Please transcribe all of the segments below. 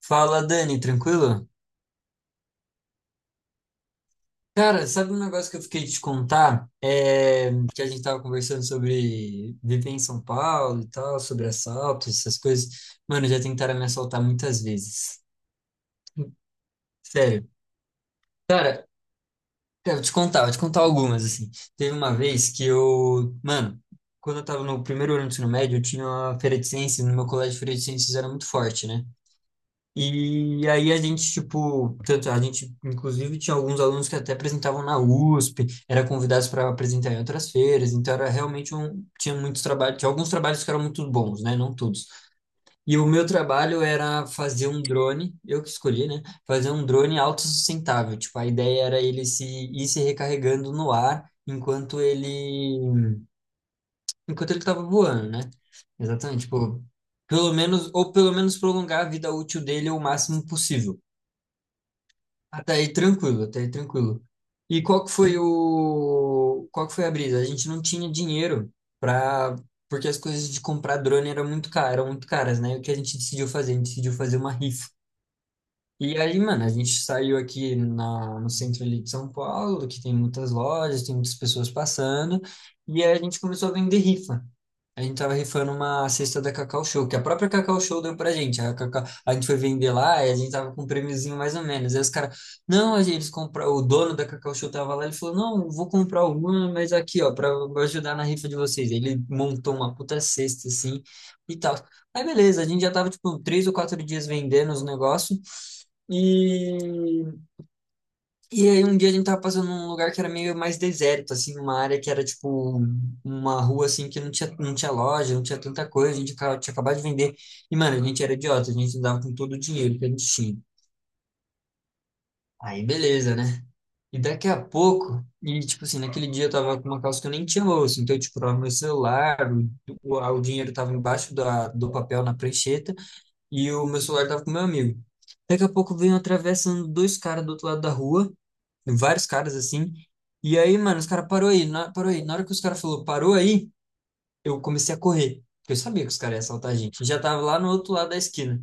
Fala, Dani, tranquilo? Cara, sabe um negócio que eu fiquei de te contar? É, que a gente tava conversando sobre viver em São Paulo e tal, sobre assaltos, essas coisas. Mano, já tentaram me assaltar muitas vezes. Sério. Cara, eu vou te contar algumas, assim. Teve uma vez que eu... Mano, quando eu tava no primeiro ano do ensino médio, eu tinha uma feira de ciências, no meu colégio de feira de ciências era muito forte, né? E aí a gente, tipo, tanto a gente, inclusive, tinha alguns alunos que até apresentavam na USP, era convidados para apresentar em outras feiras, então era realmente um, tinha muitos trabalhos, tinha alguns trabalhos que eram muito bons, né? Não todos. E o meu trabalho era fazer um drone, eu que escolhi, né? Fazer um drone autossustentável, tipo, a ideia era ele se ir se recarregando no ar enquanto ele estava voando, né? Exatamente, tipo, pelo menos ou pelo menos prolongar a vida útil dele o máximo possível. Até aí tranquilo, até aí tranquilo. E qual que foi o, qual que foi a brisa? A gente não tinha dinheiro para, porque as coisas de comprar drone eram muito caras, né? E o que a gente decidiu fazer? A gente decidiu fazer uma rifa. E aí, mano, a gente saiu aqui na, no centro ali de São Paulo, que tem muitas lojas, tem muitas pessoas passando, e aí a gente começou a vender rifa. A gente tava rifando uma cesta da Cacau Show, que a própria Cacau Show deu pra gente. A, Cacau- a gente foi vender lá e a gente tava com um prêmiozinho mais ou menos. Aí os caras, não, a gente, eles compra- o dono da Cacau Show tava lá, ele falou, não, eu vou comprar uma, mas aqui, ó, pra ajudar na rifa de vocês. Aí Ele montou uma puta cesta, assim, e tal. Aí beleza, a gente já tava, tipo, três ou quatro dias vendendo os negócios. E e aí um dia a gente tava passando num lugar que era meio mais deserto, assim, uma área que era tipo uma rua assim que não tinha, não tinha loja, não tinha tanta coisa, a gente acaba- tinha acabado de vender. E, mano, a gente era idiota, a gente andava com todo o dinheiro que a gente tinha. Aí beleza, né? E daqui a pouco, e tipo assim, naquele dia eu tava com uma calça que eu nem tinha bolso, então eu, tipo, tava meu celular, o, o dinheiro tava embaixo da, do papel na prancheta, e o meu celular tava com meu amigo. Daqui a pouco vem atravessando dois caras do outro lado da rua vários caras assim. E aí, mano, os caras parou aí. Na hora que os caras falou parou aí, eu comecei a correr. Porque eu sabia que os caras iam assaltar a gente. Já tava lá no outro lado da esquina.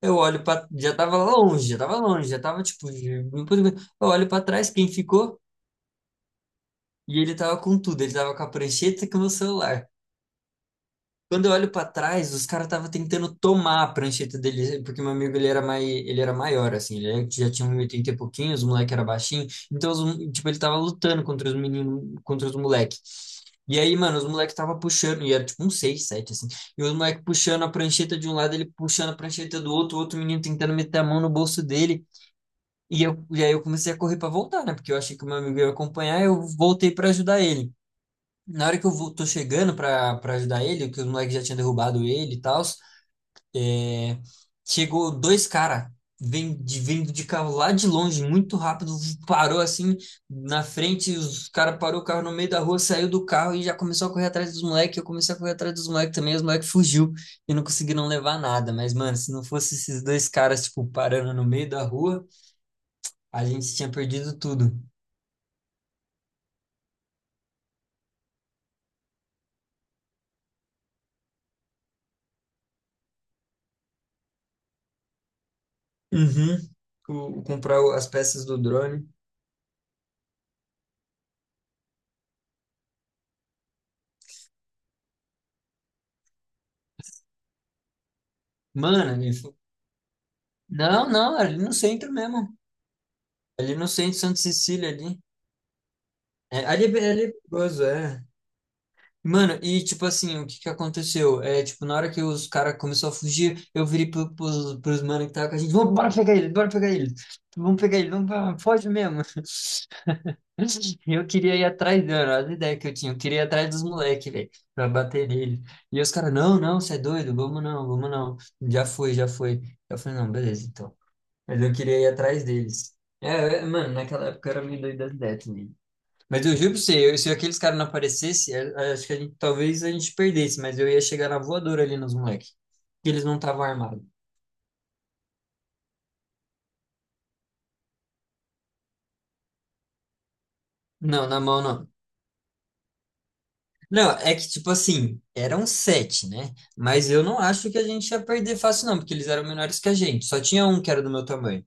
Eu olho pra. Já tava longe, já tava longe, já tava tipo. Já- Eu olho pra trás, quem ficou? E ele tava com tudo. Ele tava com a prancheta e com o meu celular. Quando eu olho pra trás, os caras estavam tentando tomar a prancheta dele, porque meu amigo ele era mai, ele era maior, assim, ele já tinha um metro e oitenta e pouquinho, os moleque era baixinho, então, os- tipo, ele tava lutando contra os meninos, contra os moleques. E aí, mano, os moleques tava puxando, e era tipo um 6, 7 assim, e os moleques puxando a prancheta de um lado, ele puxando a prancheta do outro, o outro menino tentando meter a mão no bolso dele, e, eu, e aí eu comecei a correr pra voltar, né, porque eu achei que o meu amigo ia acompanhar, eu voltei pra ajudar ele. Na hora que eu vou, tô chegando pra, pra ajudar ele, que os moleques já tinham derrubado ele e tal, é, chegou dois caras vindo de carro lá de longe, muito rápido, parou assim na frente, os caras parou o carro no meio da rua, saiu do carro e já começou a correr atrás dos moleques. Eu comecei a correr atrás dos moleques também, os moleques fugiu e não conseguiram levar nada. Mas, mano, se não fosse esses dois caras, tipo, parando no meio da rua, a gente tinha perdido tudo. Uhum. O- comprar o- as peças do drone. Mano, não, não, ali no centro mesmo. Ali no centro, Santa Cecília, ali. É, ali, é bem- ali é perigoso, é. Mano, e tipo assim, o que que aconteceu? É, tipo, na hora que os caras começaram a fugir, eu virei pro, pros, pros mano que tava com a gente, vamos, bora pegar ele, bora pegar ele. Vamos pegar ele, vamos, vamos, foge mesmo. E eu queria ir atrás dele, olha a ideia que eu tinha. Eu queria ir atrás dos moleques, velho, pra bater nele. E os caras, não, não, você é doido, vamos não, vamos não. Já foi, já foi. Eu falei, não, beleza, então. Mas eu queria ir atrás deles. É, é, mano, naquela época eu era meio doido das ideias também. Mas eu juro pra você, eu- se aqueles caras não aparecessem, acho que a gente, talvez a gente perdesse, mas eu ia chegar na voadora ali nos moleques. Que eles não estavam armados. Não, na mão não. Não, é que tipo assim, eram sete, né? Mas eu não acho que a gente ia perder fácil, não, porque eles eram menores que a gente. Só tinha um que era do meu tamanho.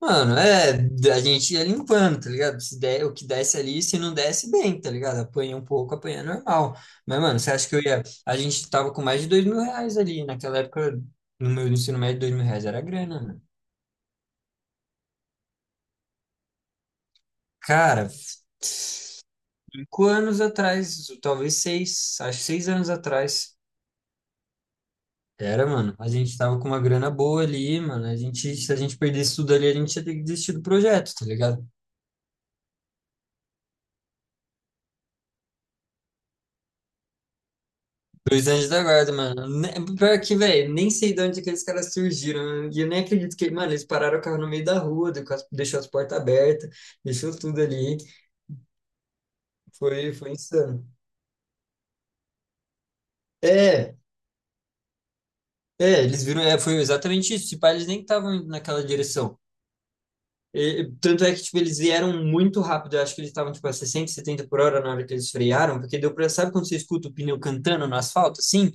Mano, é, a gente ia limpando, tá ligado? Se der, o que desce ali, se não desce, bem, tá ligado? Apanha um pouco, apanha normal. Mas, mano, você acha que eu ia. A gente tava com mais de dois mil reais ali. Naquela época, no meu ensino médio, dois mil reais era grana, mano. Cara, cinco anos atrás, talvez seis, acho que seis anos atrás. Era, mano. A gente tava com uma grana boa ali, mano. A gente, se a gente perdesse tudo ali, a gente ia ter que desistir do projeto, tá ligado? Dois anjos da guarda, mano. Ne- Pior que, velho, nem sei de onde aqueles caras surgiram. E eu nem acredito que, mano, eles pararam o carro no meio da rua, deu- com as- deixou as portas abertas, deixou tudo ali. Foi, foi insano. É, é, eles viram, é, foi exatamente isso. Tipo, eles nem estavam indo naquela direção. E- tanto é que, tipo, eles vieram muito rápido. Eu acho que eles estavam, tipo, a 60, 70 por hora na hora que eles frearam, porque deu pra, sabe quando você escuta o pneu cantando no asfalto, assim?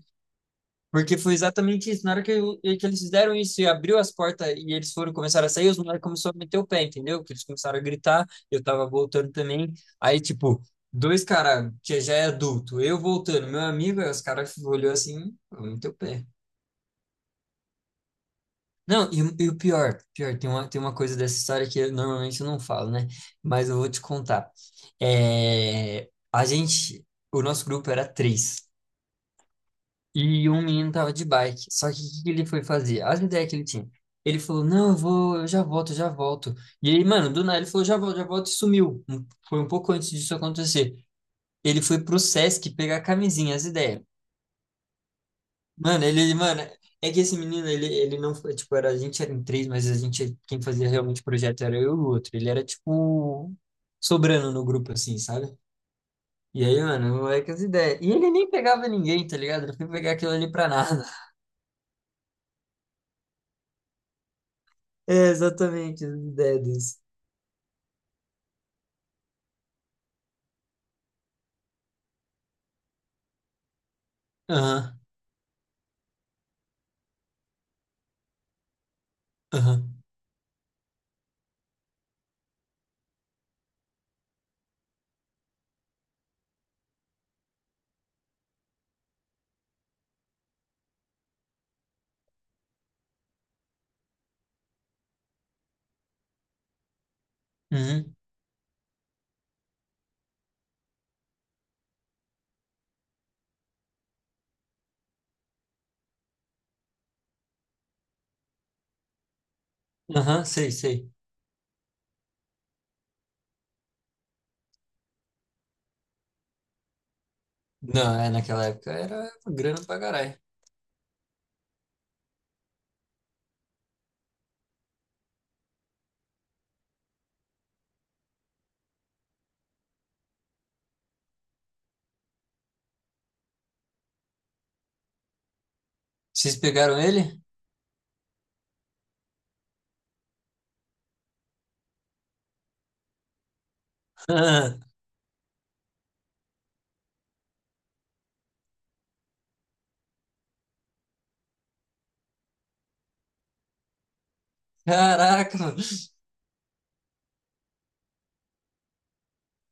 Porque foi exatamente isso. Na hora que, eu- que eles fizeram isso e abriu as portas e eles foram começar a sair, os moleques começaram a meter o pé, entendeu? Que eles começaram a gritar, eu tava voltando também. Aí, tipo, dois caras que já é adulto, eu voltando, meu amigo, aí os caras olhou assim, eu meti o pé. Não, e o pior, pior, tem uma coisa dessa história que eu, normalmente eu não falo, né? Mas eu vou te contar. É, a gente, o nosso grupo era três. E um menino tava de bike. Só que o que que ele foi fazer? As ideias que ele tinha. Ele falou, não, eu vou, eu já volto, eu já volto. E aí, mano, do nada ele falou, já volto e sumiu. Um- Foi um pouco antes disso acontecer. Ele foi pro Sesc pegar a camisinha, as ideias. Mano, ele- mano, é que esse menino, ele não foi, tipo, era, a gente era em três, mas a gente, quem fazia realmente o projeto era eu e o outro. Ele era, tipo, sobrando no grupo, assim, sabe? E aí, mano, é que as ideias. E ele nem pegava ninguém, tá ligado? Ele foi pegar aquilo ali pra nada. É exatamente a ideia disso. Aham, aham, uhum, aham, sei, sei. Não, é, naquela época era grana pra caralho. Vocês pegaram ele? Ah, caraca, mano.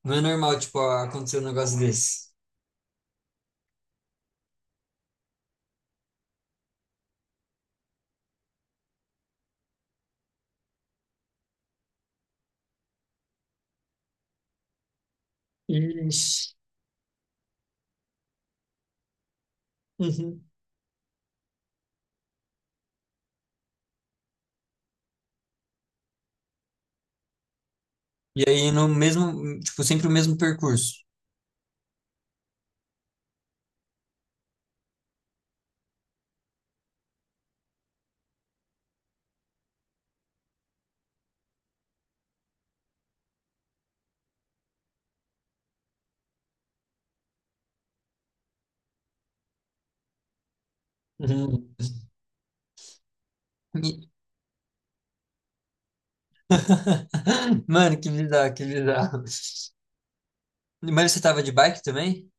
Não é normal, tipo, acontecer um negócio desse. Ixi. Uhum. E aí, no mesmo, tipo, sempre o mesmo percurso. Uhum. E- mano, que bizarro, que bizarro. Mas você tava de bike também?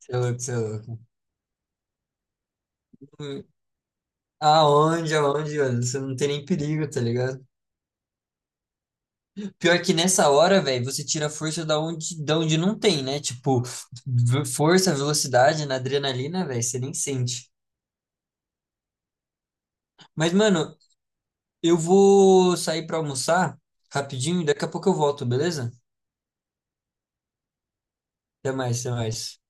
Seu louco, seu louco. Aonde, aonde, mano? Você não tem nem perigo, tá ligado? Pior que nessa hora, velho, você tira a força da onde não tem, né? Tipo, v- força, velocidade na adrenalina, velho, você nem sente. Mas, mano, eu vou sair pra almoçar rapidinho e daqui a pouco eu volto, beleza? Até mais, até mais.